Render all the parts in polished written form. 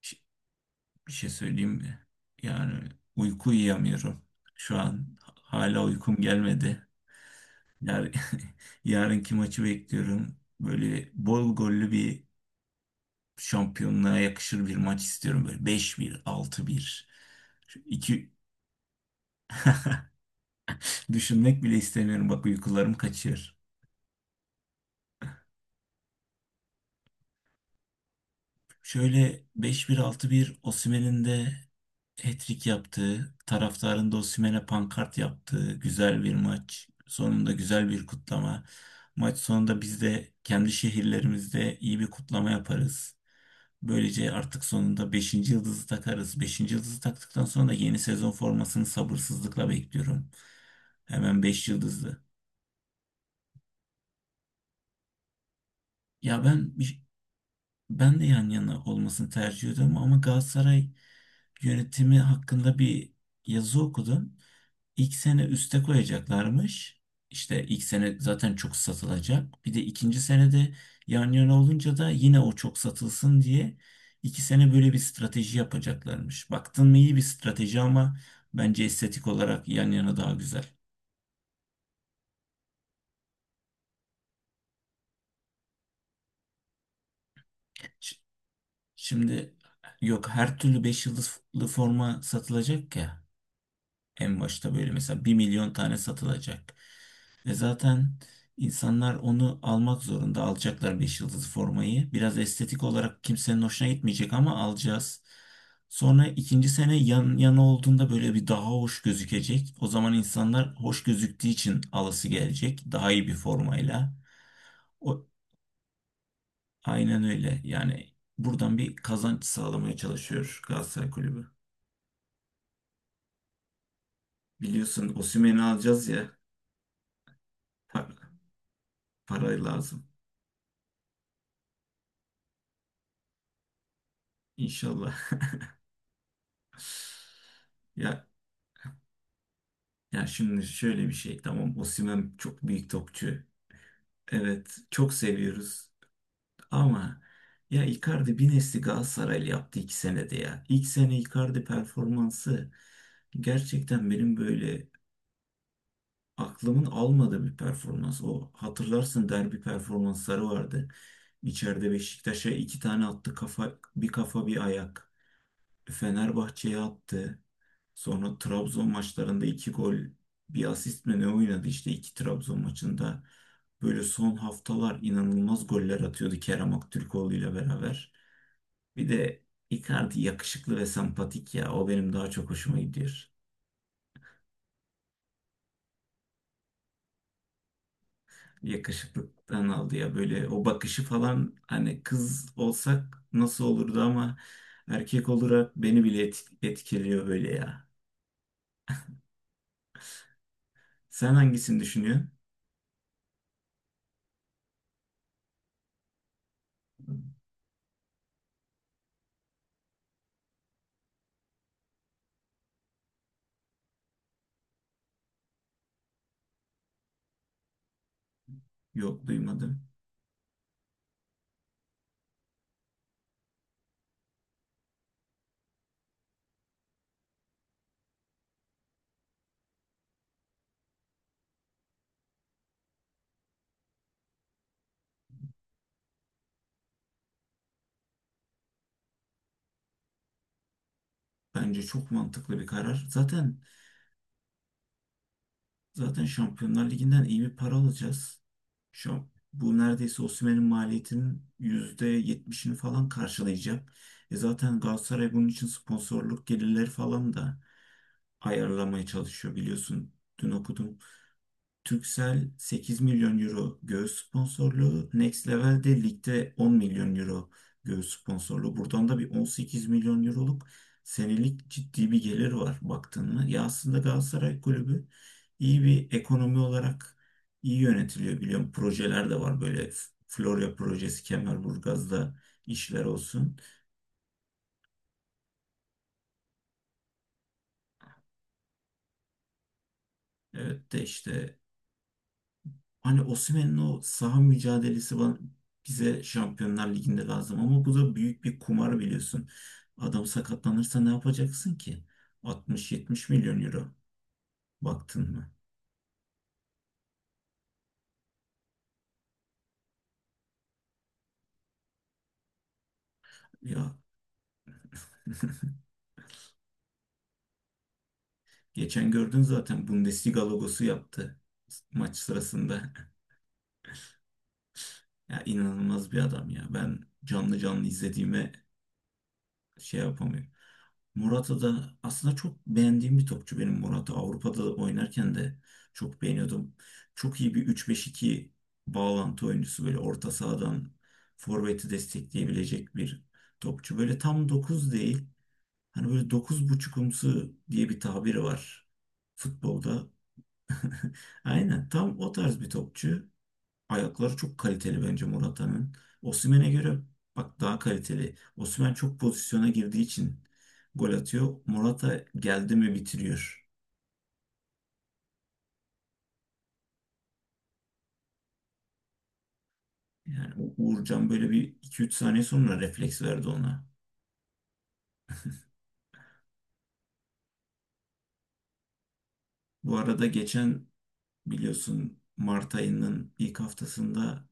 Ş- Bir şey söyleyeyim mi? Yani uyku uyuyamıyorum. Şu an hala uykum gelmedi. Yar yarınki maçı bekliyorum. Böyle bol gollü bir şampiyonluğa yakışır bir maç istiyorum. Böyle 5-1 6-1 Şu iki düşünmek bile istemiyorum. Bak uykularım kaçıyor. Şöyle 5-1 6-1 Osimhen'in de hat-trick yaptığı, taraftarın da Osimhen'e pankart yaptığı güzel bir maç. Sonunda güzel bir kutlama. Maç sonunda biz de kendi şehirlerimizde iyi bir kutlama yaparız. Böylece artık sonunda beşinci yıldızı takarız. Beşinci yıldızı taktıktan sonra da yeni sezon formasını sabırsızlıkla bekliyorum. Hemen 5 yıldızlı. Ya ben de yan yana olmasını tercih ediyorum ama Galatasaray yönetimi hakkında bir yazı okudum. İlk sene üste koyacaklarmış. İşte ilk sene zaten çok satılacak. Bir de ikinci senede yan yana olunca da yine o çok satılsın diye iki sene böyle bir strateji yapacaklarmış. Baktın mı iyi bir strateji ama bence estetik olarak yan yana daha güzel. Ş- Şimdi yok, her türlü 5 yıldızlı forma satılacak ya. En başta böyle mesela 1 milyon tane satılacak. Ve zaten insanlar onu almak zorunda. Alacaklar 5 yıldızlı formayı. Biraz estetik olarak kimsenin hoşuna gitmeyecek ama alacağız. Sonra ikinci sene yan yana olduğunda böyle bir daha hoş gözükecek. O zaman insanlar hoş gözüktüğü için alası gelecek. Daha iyi bir formayla. O, aynen öyle. Yani buradan bir kazanç sağlamaya çalışıyor Galatasaray Kulübü. Biliyorsun Osimhen'i alacağız ya. Pa- para lazım. İnşallah. Ya ya şimdi şöyle bir şey, tamam, Osimhen çok büyük topçu. Evet, çok seviyoruz ama ya Icardi bir nesli Galatasaraylı yaptı 2 senede ya. İlk sene Icardi performansı gerçekten benim böyle aklımın almadığı bir performans. O, hatırlarsın, derbi performansları vardı. İçeride Beşiktaş'a iki tane attı, kafa bir, kafa bir ayak. Fenerbahçe'ye attı. Sonra Trabzon maçlarında 2 gol, bir asist mi ne oynadı işte 2 Trabzon maçında. Böyle son haftalar inanılmaz goller atıyordu Kerem Aktürkoğlu ile beraber. Bir de Icardi yakışıklı ve sempatik ya. O benim daha çok hoşuma gidiyor. Yakışıklıktan aldı ya, böyle o bakışı falan, hani kız olsak nasıl olurdu ama erkek olarak beni bile etkiliyor böyle ya. Sen hangisini düşünüyorsun? Yok, duymadım. Bence çok mantıklı bir karar. Zaten Şampiyonlar Ligi'nden iyi bir para alacağız. Şu an bu neredeyse Osimhen'in maliyetinin %70'ini falan karşılayacak. E zaten Galatasaray bunun için sponsorluk gelirleri falan da ayarlamaya çalışıyor biliyorsun. Dün okudum, Turkcell 8 milyon euro göğüs sponsorluğu. Next Level de ligde 10 milyon euro göğüs sponsorluğu. Buradan da bir 18 milyon euroluk senelik ciddi bir gelir var baktın mı? Ya aslında Galatasaray Kulübü iyi bir ekonomi olarak iyi yönetiliyor, biliyorum. Projeler de var böyle, Florya projesi, Kemerburgaz'da işler olsun. Evet de işte, hani Osimhen'in o saha mücadelesi bize Şampiyonlar Ligi'nde lazım ama bu da büyük bir kumar biliyorsun. Adam sakatlanırsa ne yapacaksın ki? 60-70 milyon euro baktın mı? Ya geçen gördün zaten, Bundesliga logosu yaptı maç sırasında. Ya inanılmaz bir adam ya. Ben canlı canlı izlediğime şey yapamıyorum. Morata da aslında çok beğendiğim bir topçu, benim Morata. Avrupa'da da oynarken de çok beğeniyordum. Çok iyi bir 3-5-2 bağlantı oyuncusu, böyle orta sahadan forveti destekleyebilecek bir topçu. Böyle tam 9 değil. Hani böyle dokuz buçukumsu diye bir tabiri var futbolda. Aynen tam o tarz bir topçu. Ayakları çok kaliteli bence Morata'nın. Osimhen'e göre bak, daha kaliteli. Osimhen çok pozisyona girdiği için gol atıyor. Morata geldi mi bitiriyor. Yani Uğurcan böyle bir iki üç saniye sonra refleks verdi ona. Bu arada geçen, biliyorsun, Mart ayının ilk haftasında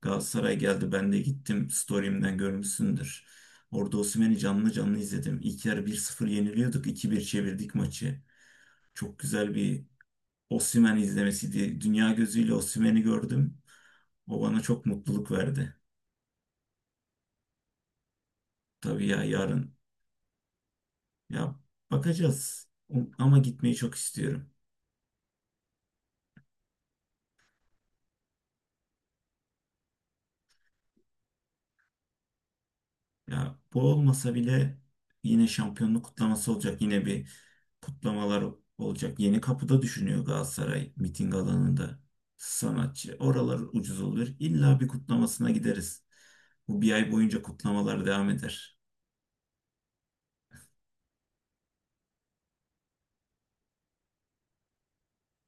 Galatasaray geldi. Ben de gittim. Story'imden görmüşsündür. Orada Osimhen'i canlı canlı izledim. İlk yarı 1-0 yeniliyorduk. 2 bir çevirdik maçı. Çok güzel bir Osimhen izlemesiydi. Dünya gözüyle Osimhen'i gördüm. O bana çok mutluluk verdi. Tabii ya, yarın ya bakacağız. Ama gitmeyi çok istiyorum. Ya bu olmasa bile yine şampiyonluk kutlaması olacak. Yine bir kutlamalar olacak. Yeni kapıda düşünüyor Galatasaray, miting alanında sanatçı. Oralar ucuz olur. İlla bir kutlamasına gideriz. Bu bir ay boyunca kutlamalar devam eder.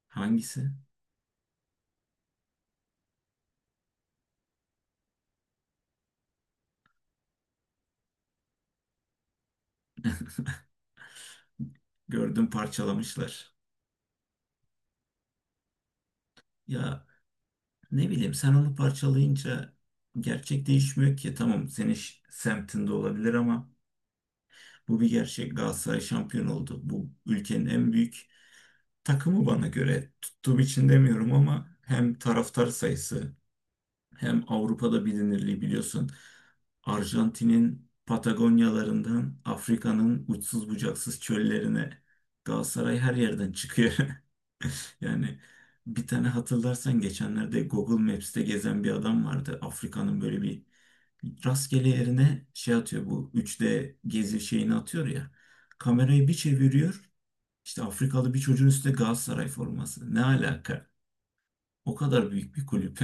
Hangisi? Gördüm, parçalamışlar. Ya, ne bileyim, sen onu parçalayınca gerçek değişmiyor ki. Tamam, senin semtinde olabilir ama bu bir gerçek. Galatasaray şampiyon oldu. Bu ülkenin en büyük takımı bana göre. Tuttuğum için demiyorum ama hem taraftar sayısı hem Avrupa'da bilinirliği, biliyorsun. Arjantin'in Patagonyalarından Afrika'nın uçsuz bucaksız çöllerine, Galatasaray her yerden çıkıyor. Yani bir tane, hatırlarsan, geçenlerde Google Maps'te gezen bir adam vardı. Afrika'nın böyle bir rastgele yerine şey atıyor, bu 3D gezi şeyini atıyor ya. Kamerayı bir çeviriyor. İşte Afrikalı bir çocuğun üstünde Galatasaray forması. Ne alaka? O kadar büyük bir kulüp.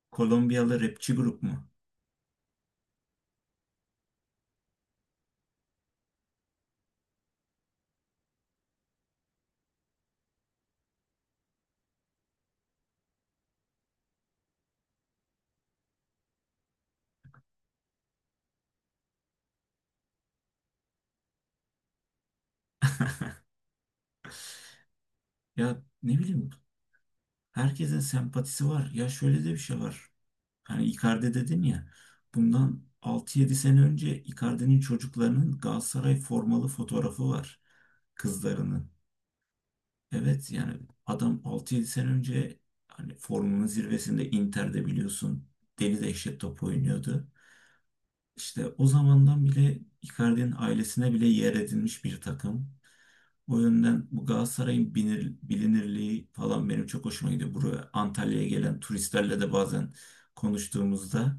Kolombiyalı rapçi grup mu? Ya ne bileyim, herkesin sempatisi var. Ya şöyle de bir şey var. Hani Icardi dedin ya. Bundan 6-7 sene önce Icardi'nin çocuklarının Galatasaray formalı fotoğrafı var. Kızlarının. Evet yani adam 6-7 sene önce, hani formunun zirvesinde Inter'de biliyorsun, deli dehşet top oynuyordu. İşte o zamandan bile Icardi'nin ailesine bile yer edinmiş bir takım. O yönden bu Galatasaray'ın bilinirliği falan benim çok hoşuma gidiyor. Buraya Antalya'ya gelen turistlerle de bazen konuştuğumuzda,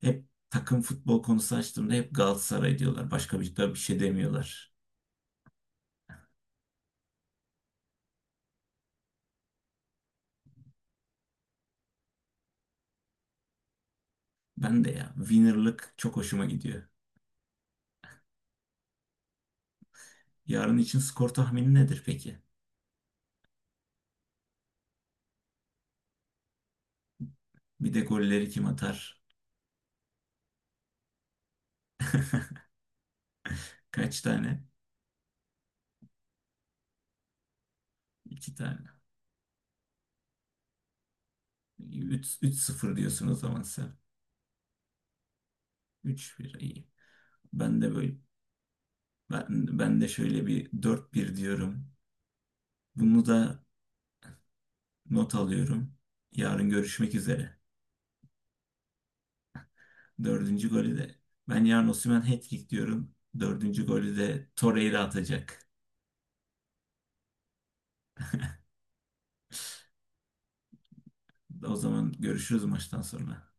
hep takım futbol konusu açtığımda hep Galatasaray diyorlar. Başka bir, da bir şey demiyorlar. Ben de ya, winner'lık çok hoşuma gidiyor. Yarın için skor tahmini nedir peki? Bir de golleri kim atar? Kaç tane? İki tane. 3-0 diyorsun o zaman sen. 3-1 iyi. Ben de böyle ben, ben de şöyle bir 4-1 diyorum. Bunu da not alıyorum. Yarın görüşmek üzere. Dördüncü golü de. Ben yarın Osimhen hat-trick diyorum. Dördüncü golü de Torreira atacak. O zaman görüşürüz maçtan sonra.